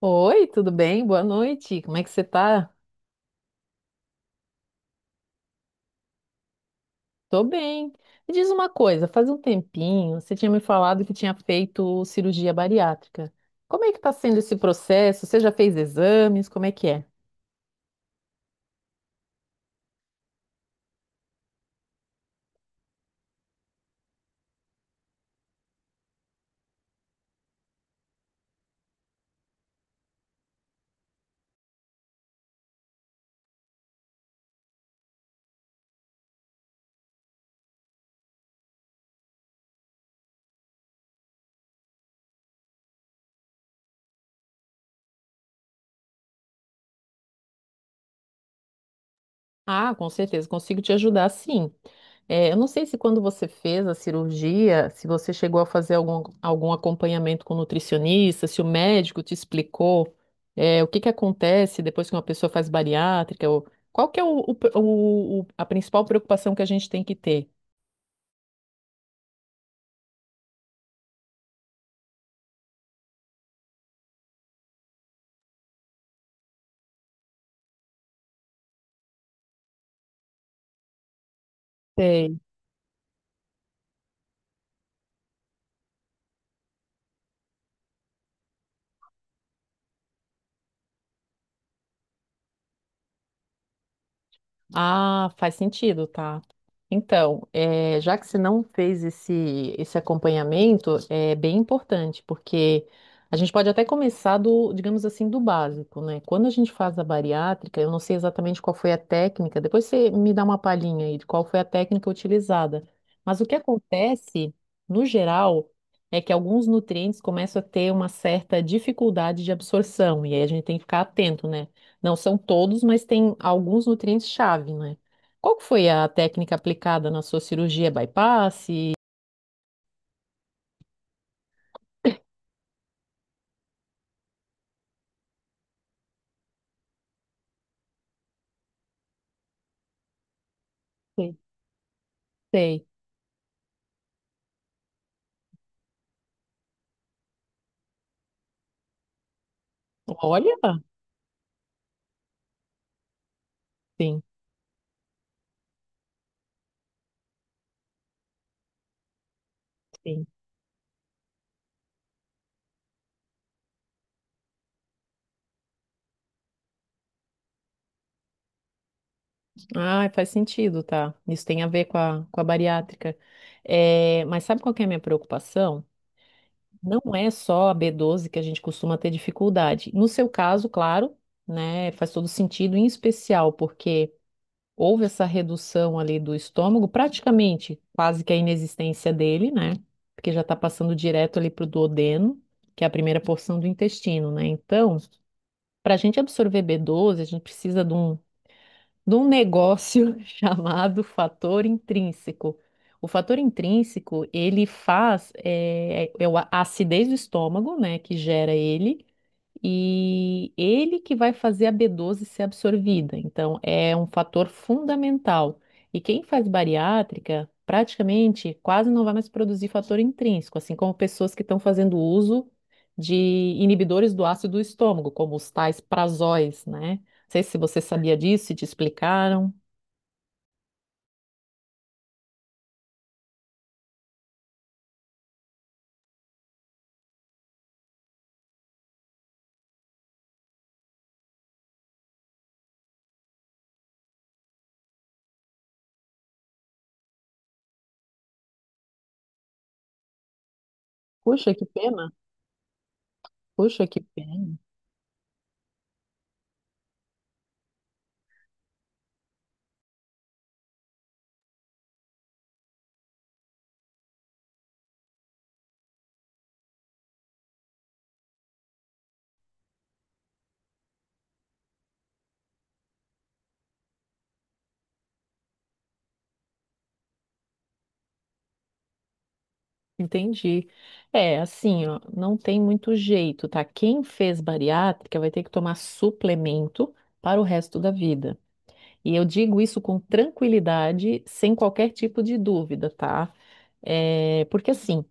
Oi, tudo bem? Boa noite. Como é que você tá? Tô bem. Me diz uma coisa, faz um tempinho você tinha me falado que tinha feito cirurgia bariátrica. Como é que tá sendo esse processo? Você já fez exames? Como é que é? Ah, com certeza, consigo te ajudar, sim. É, eu não sei se quando você fez a cirurgia, se você chegou a fazer algum acompanhamento com nutricionista, se o médico te explicou, o que que acontece depois que uma pessoa faz bariátrica, ou, qual que é o, a principal preocupação que a gente tem que ter? Ah, faz sentido, tá? Então, já que você não fez esse acompanhamento, é bem importante, porque a gente pode até começar do, digamos assim, do básico, né? Quando a gente faz a bariátrica, eu não sei exatamente qual foi a técnica, depois você me dá uma palhinha aí de qual foi a técnica utilizada. Mas o que acontece, no geral, é que alguns nutrientes começam a ter uma certa dificuldade de absorção, e aí a gente tem que ficar atento, né? Não são todos, mas tem alguns nutrientes-chave, né? Qual que foi a técnica aplicada na sua cirurgia bypass? Sei. Sei. Olha, sim, sim. Ah, faz sentido, tá? Isso tem a ver com a bariátrica. É, mas sabe qual que é a minha preocupação? Não é só a B12 que a gente costuma ter dificuldade. No seu caso, claro, né? Faz todo sentido, em especial porque houve essa redução ali do estômago, praticamente quase que a inexistência dele, né? Porque já está passando direto ali para o duodeno, que é a primeira porção do intestino, né? Então, para a gente absorver B12, a gente precisa de um negócio chamado fator intrínseco. O fator intrínseco, ele faz, é a acidez do estômago, né, que gera ele, e ele que vai fazer a B12 ser absorvida. Então, é um fator fundamental. E quem faz bariátrica, praticamente quase não vai mais produzir fator intrínseco, assim como pessoas que estão fazendo uso de inibidores do ácido do estômago, como os tais prazóis, né? Não sei se você sabia disso, se te explicaram. Puxa, que pena. Puxa, que pena. Entendi. É, assim, ó, não tem muito jeito, tá? Quem fez bariátrica vai ter que tomar suplemento para o resto da vida. E eu digo isso com tranquilidade, sem qualquer tipo de dúvida, tá? É, porque assim,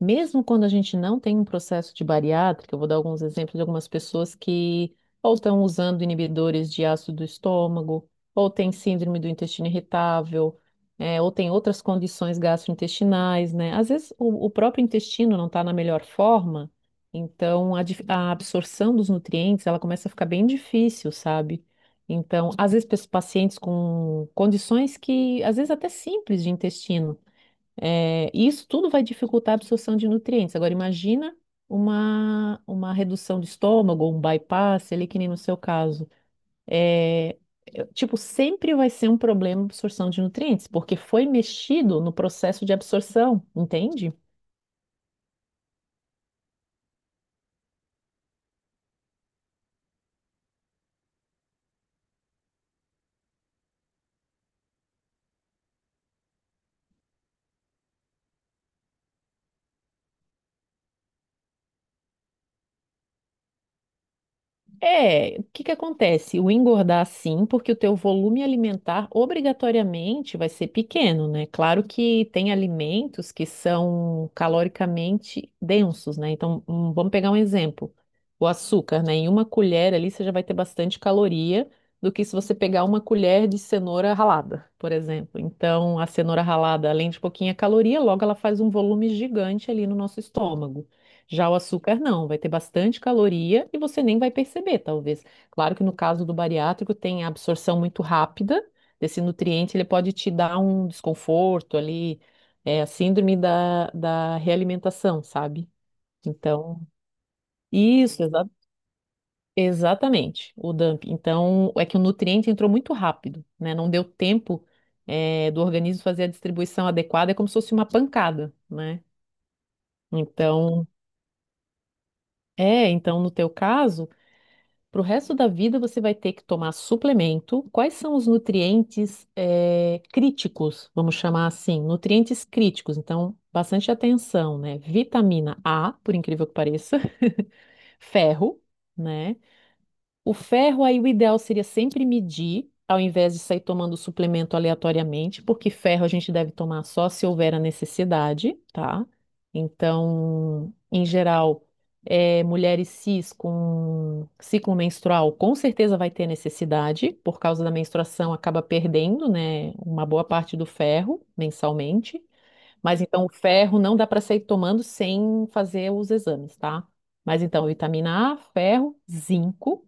mesmo quando a gente não tem um processo de bariátrica, eu vou dar alguns exemplos de algumas pessoas que ou estão usando inibidores de ácido do estômago, ou tem síndrome do intestino irritável, ou tem outras condições gastrointestinais, né? Às vezes o próprio intestino não está na melhor forma, então a absorção dos nutrientes ela começa a ficar bem difícil, sabe? Então, às vezes, pacientes com condições que, às vezes, até simples de intestino. É, e isso tudo vai dificultar a absorção de nutrientes. Agora, imagina uma redução de estômago, ou um bypass, ali que nem no seu caso. É, é, tipo, sempre vai ser um problema a absorção de nutrientes, porque foi mexido no processo de absorção, entende? É, o que que acontece? O engordar sim, porque o teu volume alimentar obrigatoriamente vai ser pequeno, né? Claro que tem alimentos que são caloricamente densos, né? Então, vamos pegar um exemplo. O açúcar, né? Em uma colher ali você já vai ter bastante caloria do que se você pegar uma colher de cenoura ralada, por exemplo. Então, a cenoura ralada, além de pouquinha caloria, logo ela faz um volume gigante ali no nosso estômago. Já o açúcar não, vai ter bastante caloria e você nem vai perceber, talvez. Claro que no caso do bariátrico tem a absorção muito rápida desse nutriente, ele pode te dar um desconforto ali, é a síndrome da realimentação, sabe? Então, isso, exatamente, o dump. Então, é que o nutriente entrou muito rápido, né? Não deu tempo, do organismo fazer a distribuição adequada, é como se fosse uma pancada, né? Então, então, no teu caso. Para o resto da vida, você vai ter que tomar suplemento. Quais são os nutrientes críticos, vamos chamar assim, nutrientes críticos? Então, bastante atenção, né? Vitamina A, por incrível que pareça, ferro, né? O ferro aí, o ideal seria sempre medir, ao invés de sair tomando suplemento aleatoriamente, porque ferro a gente deve tomar só se houver a necessidade, tá? Então, em geral, mulheres cis com ciclo menstrual com certeza vai ter necessidade, por causa da menstruação acaba perdendo, né, uma boa parte do ferro mensalmente. Mas então o ferro não dá para sair tomando sem fazer os exames, tá? Mas então, vitamina A, ferro, zinco,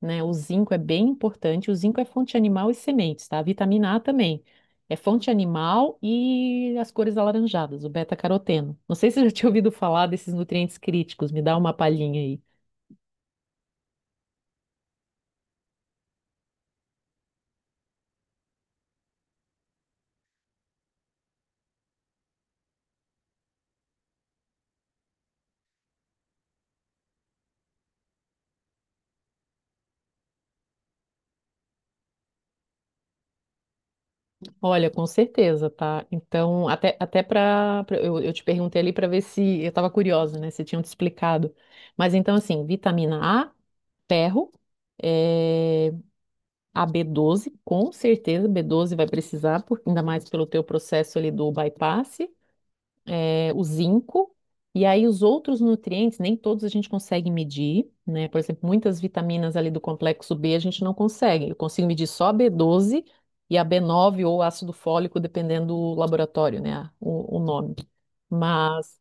né? O zinco é bem importante. O zinco é fonte animal e sementes, tá? A vitamina A também. É fonte animal e as cores alaranjadas, o beta-caroteno. Não sei se você já tinha ouvido falar desses nutrientes críticos, me dá uma palhinha aí. Olha, com certeza, tá? Então, até para. Eu te perguntei ali para ver se. Eu estava curiosa, né? Se tinham te explicado. Mas então, assim, vitamina A, ferro. É, a B12, com certeza, B12 vai precisar, ainda mais pelo teu processo ali do bypass. O zinco, e aí os outros nutrientes, nem todos a gente consegue medir, né? Por exemplo, muitas vitaminas ali do complexo B a gente não consegue. Eu consigo medir só a B12 e a B9 ou ácido fólico, dependendo do laboratório, né? O nome. Mas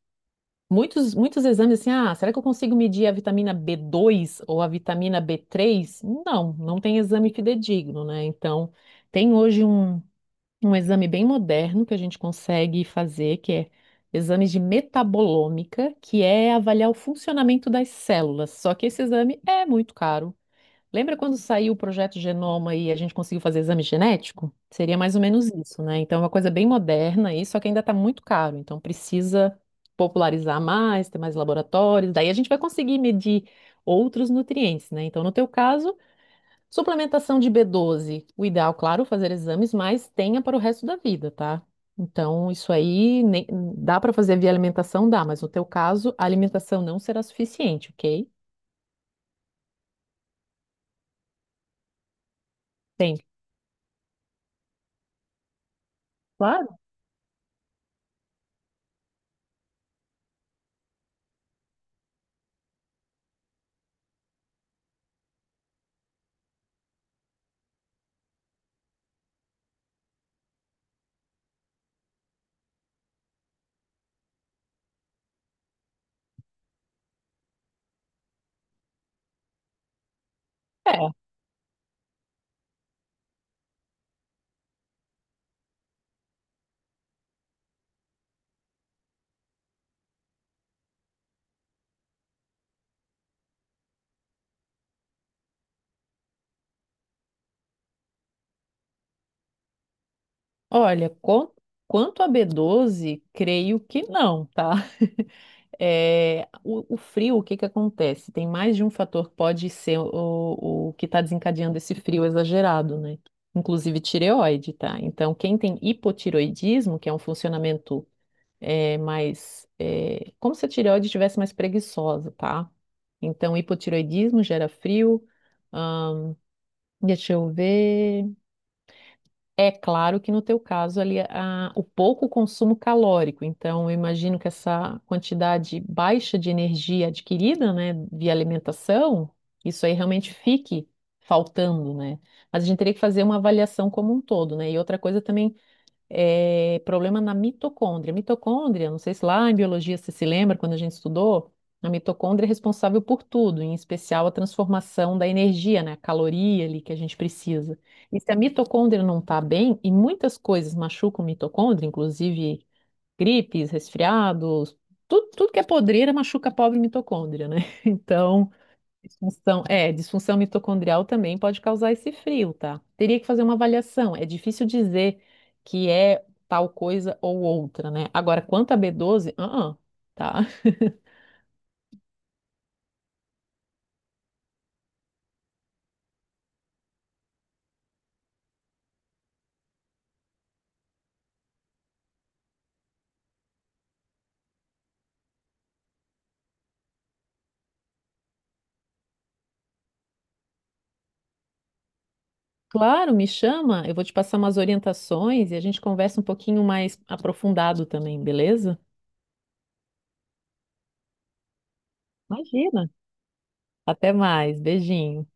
muitos, muitos exames assim, ah, será que eu consigo medir a vitamina B2 ou a vitamina B3. Não, não tem exame fidedigno, né? Então, tem hoje um exame bem moderno que a gente consegue fazer, que é exames de metabolômica, que é avaliar o funcionamento das células. Só que esse exame é muito caro. Lembra quando saiu o projeto Genoma e a gente conseguiu fazer exame genético? Seria mais ou menos isso, né? Então é uma coisa bem moderna aí, só que ainda está muito caro. Então precisa popularizar mais, ter mais laboratórios. Daí a gente vai conseguir medir outros nutrientes, né? Então, no teu caso, suplementação de B12. O ideal, claro, fazer exames, mas tenha para o resto da vida, tá? Então, isso aí dá para fazer via alimentação, dá, mas no teu caso, a alimentação não será suficiente, ok? Tem. Claro. É. Olha, quanto a B12, creio que não, tá? É, o frio, o que que acontece? Tem mais de um fator que pode ser o que está desencadeando esse frio exagerado, né? Inclusive tireoide, tá? Então, quem tem hipotireoidismo, que é um funcionamento mais, como se a tireoide estivesse mais preguiçosa, tá? Então, hipotireoidismo gera frio. ahn, deixa eu ver. É claro que no teu caso ali o pouco consumo calórico, então eu imagino que essa quantidade baixa de energia adquirida, né, via alimentação, isso aí realmente fique faltando, né? Mas a gente teria que fazer uma avaliação como um todo, né? E outra coisa também problema na mitocôndria. Mitocôndria, não sei se lá em biologia você se lembra, quando a gente estudou, a mitocôndria é responsável por tudo, em especial a transformação da energia, né, a caloria ali que a gente precisa. E se a mitocôndria não está bem, e muitas coisas machucam a mitocôndria, inclusive gripes, resfriados, tudo, tudo que é podreira machuca a pobre mitocôndria, né? Então, disfunção mitocondrial também pode causar esse frio, tá? Teria que fazer uma avaliação. É difícil dizer que é tal coisa ou outra, né? Agora, quanto a B12, tá. Claro, me chama, eu vou te passar umas orientações e a gente conversa um pouquinho mais aprofundado também, beleza? Imagina. Até mais, beijinho.